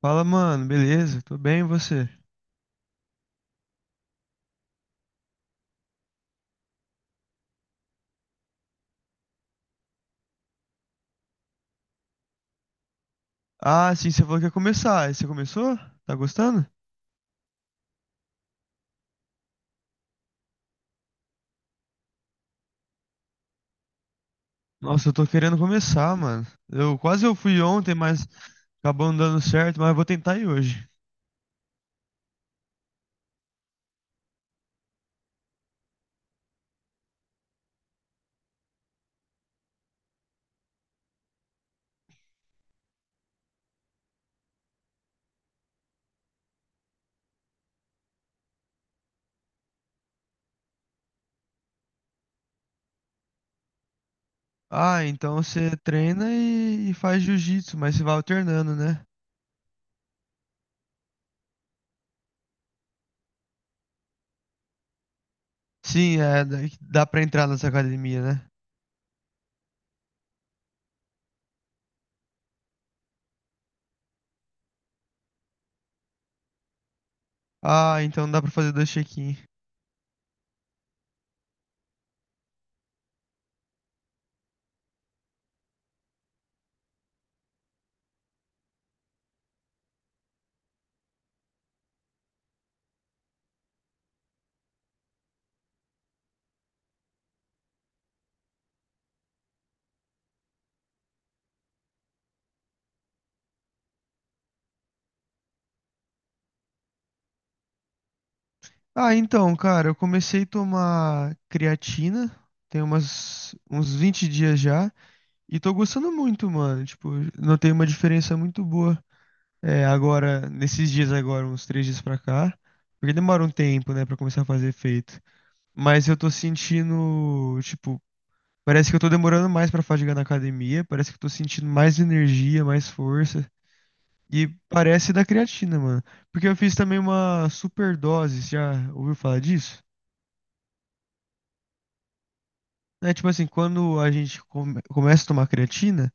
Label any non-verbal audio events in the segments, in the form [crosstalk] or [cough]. Fala, mano, beleza? Tô bem, e você? Ah, sim, você falou que ia começar. Aí você começou? Tá gostando? Nossa, eu tô querendo começar, mano. Eu fui ontem, mas acabou não dando certo, mas eu vou tentar ir hoje. Ah, então você treina e faz jiu-jitsu, mas você vai alternando, né? Sim, é, dá pra entrar nessa academia, né? Ah, então dá pra fazer dois check-in. Ah, então, cara, eu comecei a tomar creatina, tem umas, uns 20 dias já. E tô gostando muito, mano. Tipo, notei uma diferença muito boa. É, agora, nesses dias agora, uns 3 dias pra cá. Porque demora um tempo, né, pra começar a fazer efeito. Mas eu tô sentindo, tipo, parece que eu tô demorando mais pra fadigar na academia. Parece que eu tô sentindo mais energia, mais força. E parece da creatina, mano. Porque eu fiz também uma superdose, você já ouviu falar disso? É tipo assim, quando a gente começa a tomar creatina.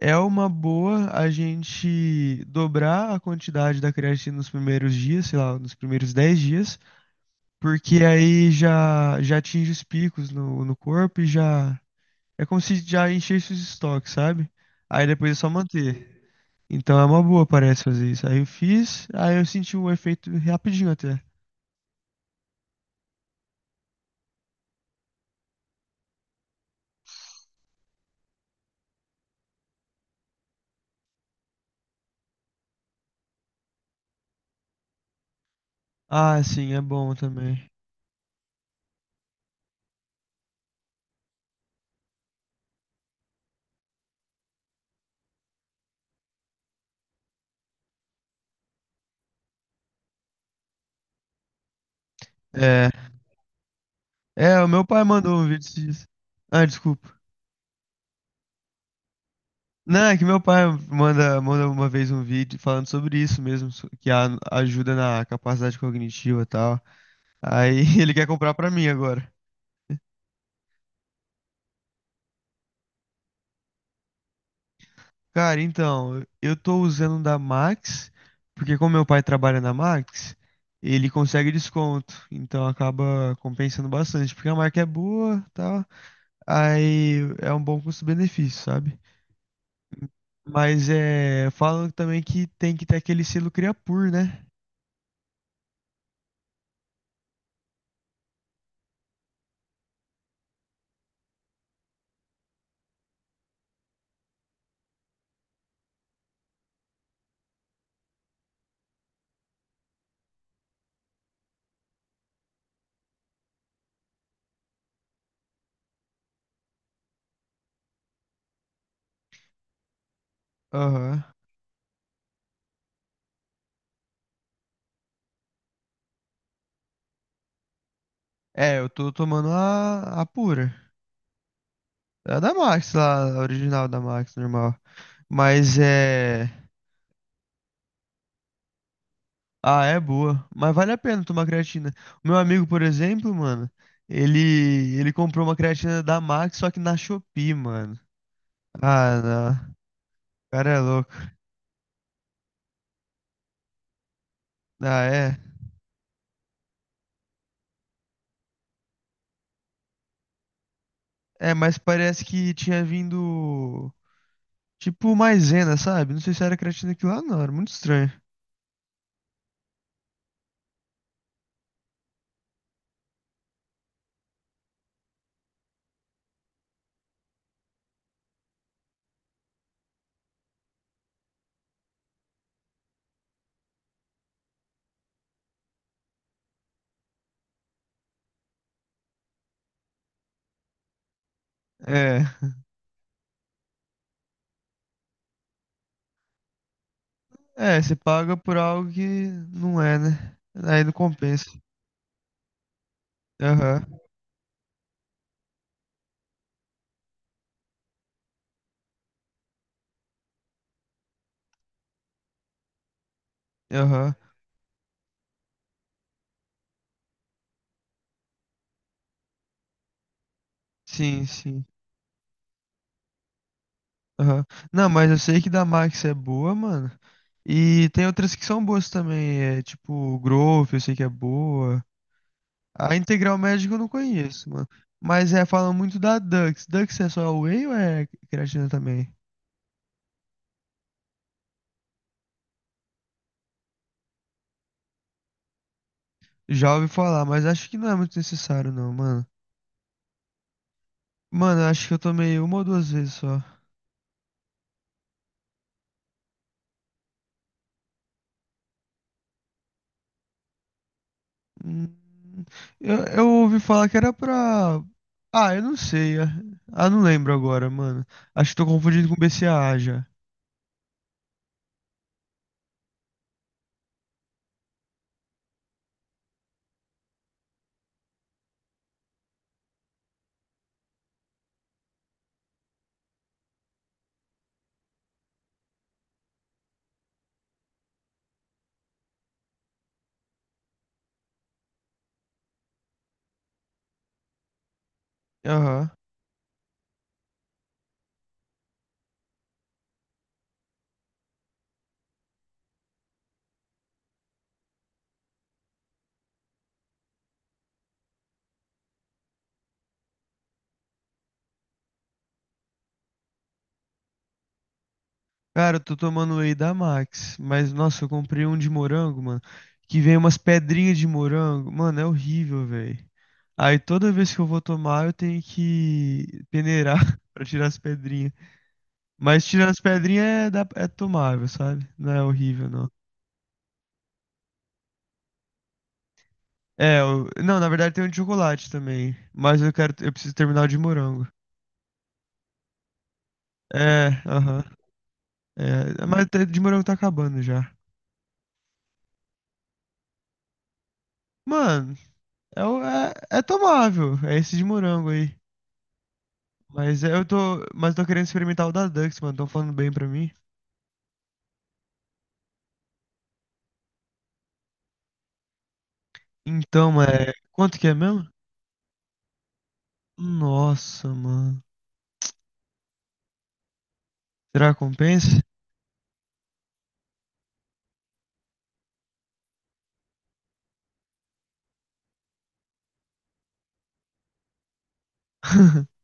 É uma boa a gente dobrar a quantidade da creatina nos primeiros dias, sei lá, nos primeiros 10 dias, porque aí já, já atinge os picos no corpo e já. É como se já enchesse os estoques, sabe? Aí depois é só manter. Então é uma boa, parece fazer isso. Aí eu fiz, aí eu senti um efeito rapidinho até. Ah, sim, é bom também. É. É, o meu pai mandou um vídeo disso. Ah, desculpa. Não, é que meu pai manda uma vez um vídeo falando sobre isso mesmo, que ajuda na capacidade cognitiva e tal. Aí [laughs] ele quer comprar pra mim agora. Cara, então, eu tô usando um da Max, porque como meu pai trabalha na Max, ele consegue desconto. Então acaba compensando bastante, porque a marca é boa, tal. Aí é um bom custo-benefício, sabe? Mas é, falam também que tem que ter aquele selo Creapure, né? Aham. É, eu tô tomando a pura. A da Max lá, a original da Max, normal. Mas é. Ah, é boa. Mas vale a pena tomar creatina. O meu amigo, por exemplo, mano, ele, ele comprou uma creatina da Max, só que na Shopee, mano. Ah, não. O cara é louco. Ah, é. É, mas parece que tinha vindo. Tipo maisena, sabe? Não sei se era creatina aquilo lá, não. Era muito estranho. É. É, você paga por algo que não é, né? Aí não compensa. Aham, aham. Sim, sim. Aham. Não, mas eu sei que da Max é boa, mano. E tem outras que são boas também. É, tipo, Growth, eu sei que é boa. A Integral Médica eu não conheço, mano. Mas é, falam muito da Dux. Dux é só whey ou é creatina também? Já ouvi falar, mas acho que não é muito necessário, não, mano. Mano, eu acho que eu tomei uma ou duas vezes só. Hum, eu ouvi falar que era pra. Ah, eu não sei. Ah, ah, não lembro agora, mano. Acho que tô confundindo com BCAA já. Aham. Cara, eu tô tomando whey da Max. Mas, nossa, eu comprei um de morango, mano. Que vem umas pedrinhas de morango. Mano, é horrível, velho. Aí toda vez que eu vou tomar, eu tenho que peneirar [laughs] pra tirar as pedrinhas. Mas tirando as pedrinhas é, é tomável, sabe? Não é horrível, não. É, não, na verdade tem um de chocolate também. Mas eu quero, eu preciso terminar o de morango. É, aham. É, mas o de morango tá acabando já. Mano, é, é, é tomável. É esse de morango aí. Mas é, eu tô querendo experimentar o da Dux, mano. Tão falando bem pra mim. Então, é, quanto que é mesmo? Nossa, mano. Será que compensa? [laughs]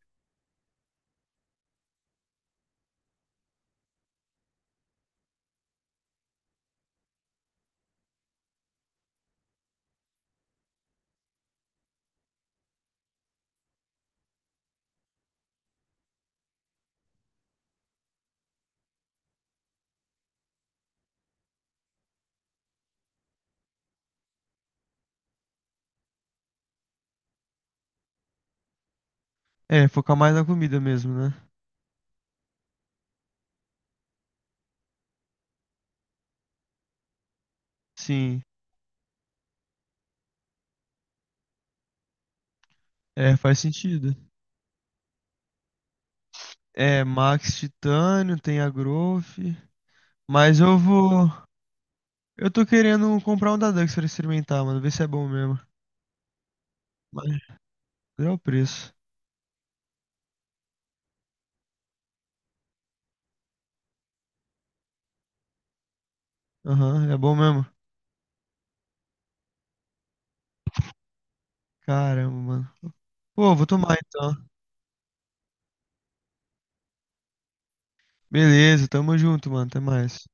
É, focar mais na comida mesmo, né? Sim. É, faz sentido. É, Max Titânio, tem a Growth. Mas eu vou. Eu tô querendo comprar um da Dux pra experimentar, mano. Ver se é bom mesmo. Mas é o preço. Aham, é bom mesmo. Caramba, mano. Pô, vou tomar então. Beleza, tamo junto, mano. Até mais.